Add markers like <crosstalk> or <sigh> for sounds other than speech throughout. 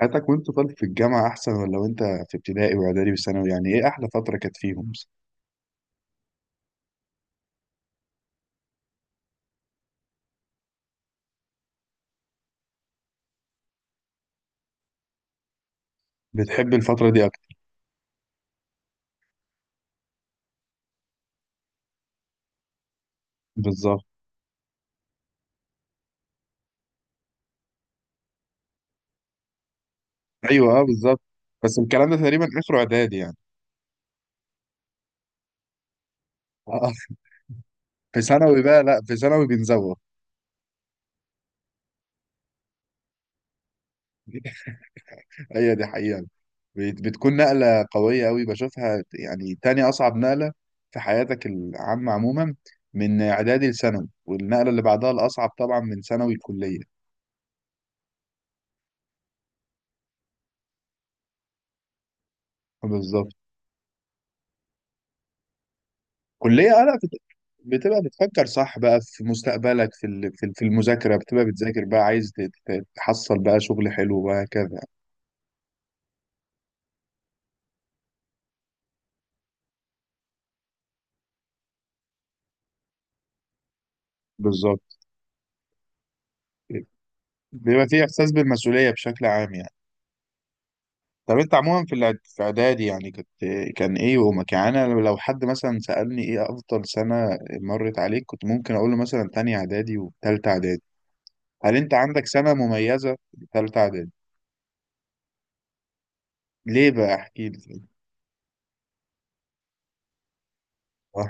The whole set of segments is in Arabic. حياتك وانت طالب في الجامعة أحسن ولا وانت في ابتدائي وإعدادي وثانوي، يعني إيه أحلى فترة كانت فيهم؟ مثلا؟ بتحب الفترة دي أكتر؟ بالظبط. أيوه، أه، بالظبط. بس الكلام ده تقريبا آخره إعدادي يعني. آه. في ثانوي بقى، لا، في ثانوي بنزوغ. <laughs> هي دي حقيقة. بتكون نقلة قوية أوي، بشوفها يعني تاني أصعب نقلة في حياتك العامة عموما، من إعدادي لثانوي، والنقلة اللي بعدها الأصعب طبعا من ثانوي لكلية. بالظبط. كلية أنا بتبقى بتفكر صح بقى في مستقبلك، في في المذاكرة، بتبقى بتذاكر بقى، عايز تحصل بقى شغل حلو وهكذا. بالظبط. بيبقى في إحساس بالمسؤولية بشكل عام يعني. طب أنت عموما في في إعدادي يعني كنت، كان إيه يومك؟ يعني أنا لو حد مثلا سألني إيه أفضل سنة مرت عليك، كنت ممكن أقول له مثلا تانية إعدادي وتالتة إعدادي. هل أنت عندك سنة مميزة في تالتة إعدادي؟ ليه بقى، احكي لي. <laughs> آه،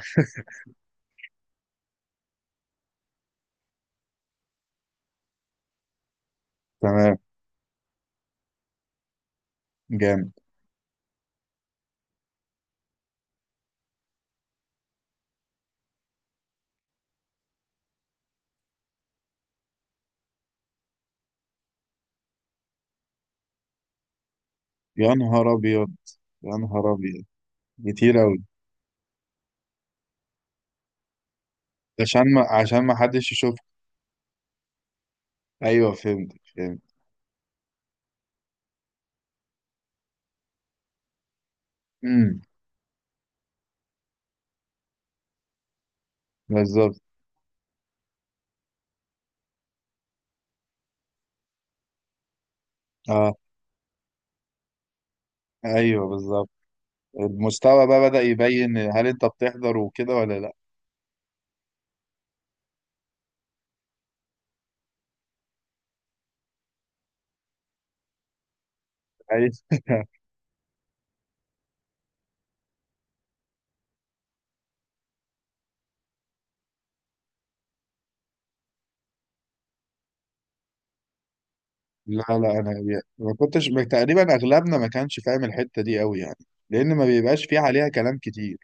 تمام. جامد. يا نهار أبيض، يا نهار أبيض، كتير أوي. عشان ما حدش يشوف. أيوه، فهمت، فهمت. امم. بالظبط. اه، أيوه، بالظبط. المستوى بقى بدأ يبين هل أنت بتحضر وكده ولا لأ. أيوة. <laughs> لا لا، أنا ما كنتش، تقريبا أغلبنا ما كانش فاهم الحتة دي أوي يعني، لأن ما بيبقاش فيه عليها كلام كتير.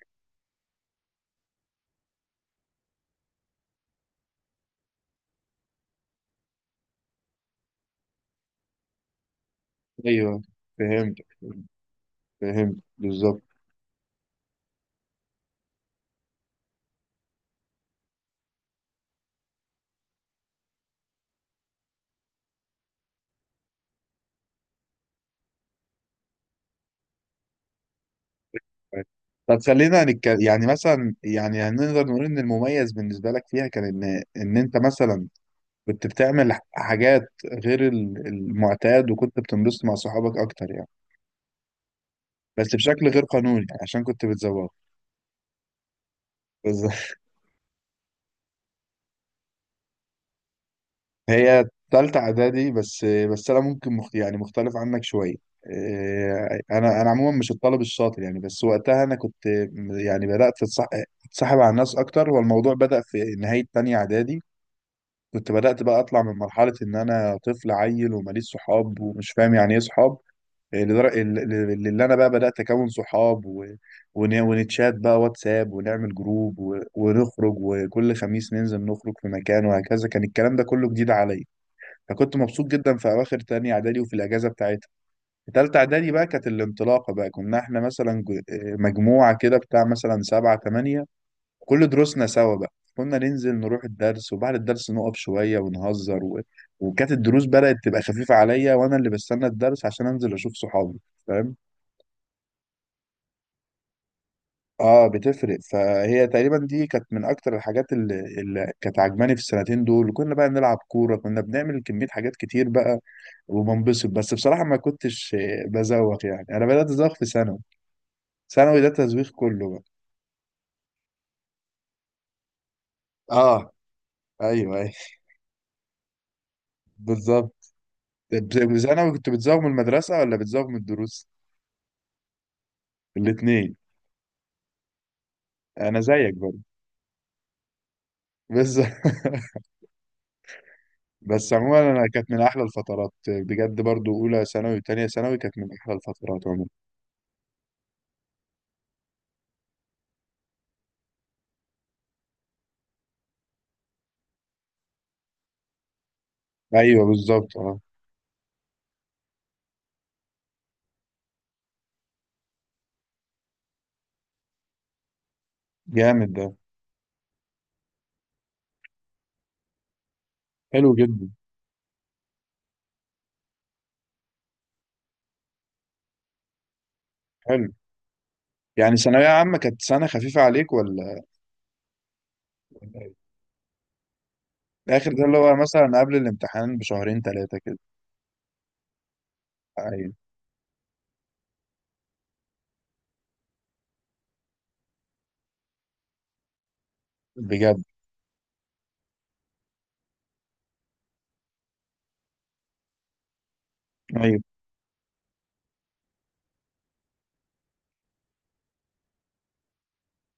أيوه، فهمت، فهمت، بالظبط. طب خلينا نتكلم يعني، مثلا يعني هنقدر نقول ان المميز بالنسبه لك فيها كان ان انت مثلا كنت بتعمل حاجات غير المعتاد، وكنت بتنبسط مع صحابك اكتر يعني، بس بشكل غير قانوني يعني عشان كنت بتزوغ. بس <laughs> هي تالتة اعدادي. بس انا ممكن يعني مختلف عنك شوية. إيه، انا عموما مش الطالب الشاطر يعني، بس وقتها انا كنت، يعني بدأت اتصاحب على الناس اكتر، والموضوع بدأ في نهاية تانية اعدادي. كنت بدأت بقى اطلع من مرحلة ان انا طفل عيل وماليش صحاب ومش فاهم يعني ايه صحاب، لدر- ل- اللي انا بقى بدات اكون صحاب ونتشات بقى واتساب، ونعمل جروب ونخرج، وكل خميس ننزل نخرج في مكان وهكذا. كان الكلام ده كله جديد عليا، فكنت مبسوط جدا في اواخر تانية اعدادي وفي الاجازه بتاعتها. في تالتة اعدادي بقى كانت الانطلاقه بقى، كنا احنا مثلا مجموعه كده بتاع مثلا سبعة تمانية، كل دروسنا سوا بقى، كنا ننزل نروح الدرس وبعد الدرس نقف شويه ونهزر، و... وكانت الدروس بدات تبقى خفيفه عليا وانا اللي بستنى الدرس عشان انزل اشوف صحابي، فاهم؟ اه، بتفرق. فهي تقريبا دي كانت من اكتر الحاجات اللي كانت عجباني في السنتين دول. كنا بقى نلعب كوره، كنا بنعمل كميه حاجات كتير بقى وبنبسط. بس بصراحه ما كنتش، بزوق يعني، انا بدات ازوق في ثانوي. ثانوي ده تزويق كله بقى. اه، ايوه ايوه، بالظبط. ثانوي كنت بتزوق من المدرسه ولا بتزوق من الدروس؟ الاثنين. انا زيك برضه. بس <laughs> بس عموما انا كانت من احلى الفترات بجد، برضو اولى ثانوي وثانيه ثانوي كانت من احلى الفترات عموما. ايوه بالظبط، اه، جامد ده. حلو جدا. حلو. يعني ثانوية عامة كانت سنة خفيفة عليك ولا إيه؟ الآخر ده اللي هو مثلا قبل الامتحان بشهرين ثلاثة كده. أيوة بجد، أيوة.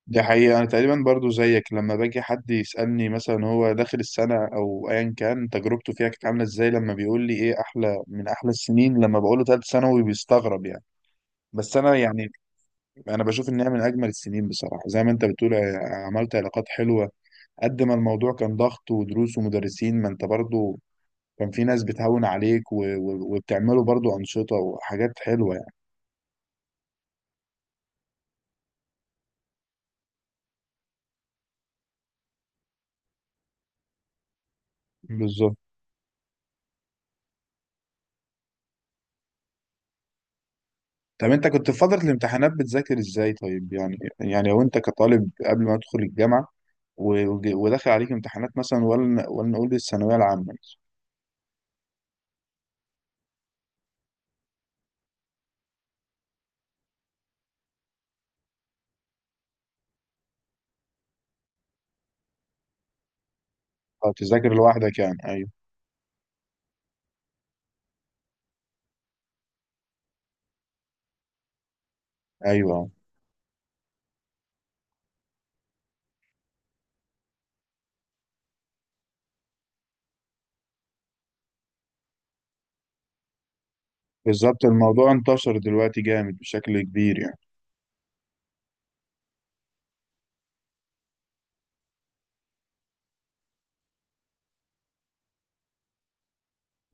دي حقيقة. أنا تقريبا برضو زيك، لما باجي حد يسألني مثلا هو داخل السنة أو أيا كان تجربته فيها كانت عاملة إزاي، لما بيقول لي إيه أحلى من أحلى السنين، لما بقوله تالت ثانوي بيستغرب يعني. بس أنا يعني، أنا بشوف إنها من أجمل السنين بصراحة. زي ما أنت بتقول، عملت علاقات حلوة، قد ما الموضوع كان ضغط ودروس ومدرسين، ما انت برضو كان في ناس بتهون عليك وبتعملوا برضو أنشطة وحاجات حلوة يعني. بالظبط. طب انت كنت في فترة الامتحانات بتذاكر ازاي طيب؟ يعني لو انت كطالب قبل ما تدخل الجامعة، وداخل عليك امتحانات مثلا، ولا نقول الثانوية العامة مثلا. أو تذاكر لوحدك يعني؟ ايوه، ايوه، بالظبط. الموضوع انتشر دلوقتي جامد بشكل كبير يعني.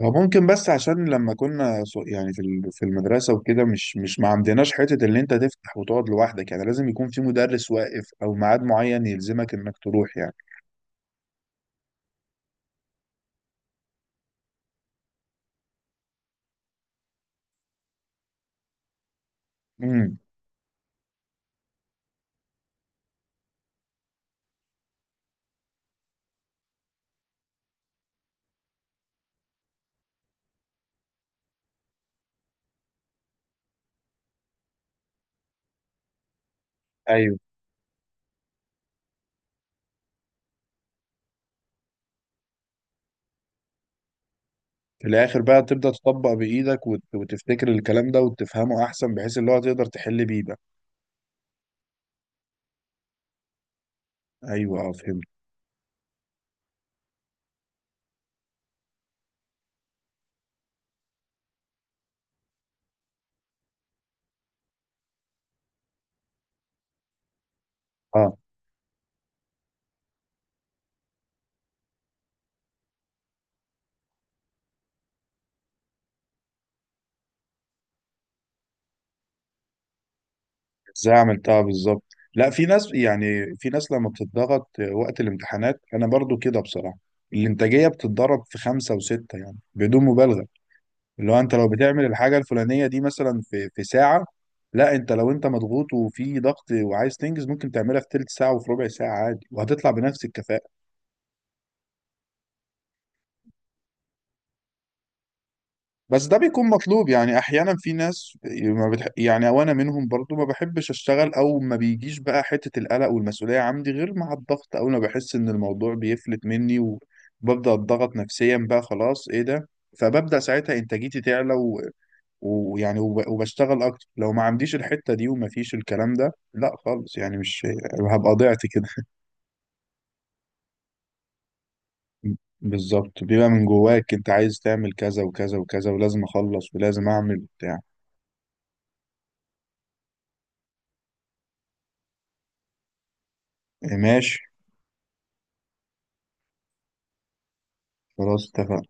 هو ممكن، بس عشان لما كنا يعني في في المدرسة وكده، مش ما عندناش حتة اللي انت تفتح وتقعد لوحدك يعني. لازم يكون في مدرس واقف او ميعاد معين يلزمك انك تروح يعني. امم، ايوه. في الاخر بقى تبدأ تطبق بايدك وتفتكر الكلام ده وتفهمه احسن بحيث اللي هو تقدر تحل بيه بقى. ايوه، اه، فهمت، اه. ازاي عملتها بالظبط؟ لا، في ناس، يعني في ناس لما بتتضغط وقت الامتحانات، انا برضو كده بصراحة. الانتاجية بتتضرب في خمسة وستة يعني بدون مبالغة. اللي هو انت لو بتعمل الحاجه الفلانيه دي مثلا في ساعه، لا انت، لو انت مضغوط وفي ضغط وعايز تنجز، ممكن تعملها في تلت ساعه وفي ربع ساعه عادي، وهتطلع بنفس الكفاءه. بس ده بيكون مطلوب يعني احيانا. في ناس ما بتح... يعني وانا منهم برضو، ما بحبش اشتغل او ما بيجيش بقى حته القلق والمسؤوليه عندي غير مع الضغط. اول ما بحس ان الموضوع بيفلت مني وببدا اتضغط نفسيا بقى، خلاص ايه ده، فببدا ساعتها انتاجيتي تعلى، ويعني وبشتغل اكتر. لو ما عنديش الحتة دي وما فيش الكلام ده، لا خالص يعني مش <laughs> هبقى ضيعت كده. <laughs> بالظبط، بيبقى من جواك انت عايز تعمل كذا وكذا وكذا، ولازم اخلص ولازم اعمل بتاع. ماشي. خلاص اتفقنا.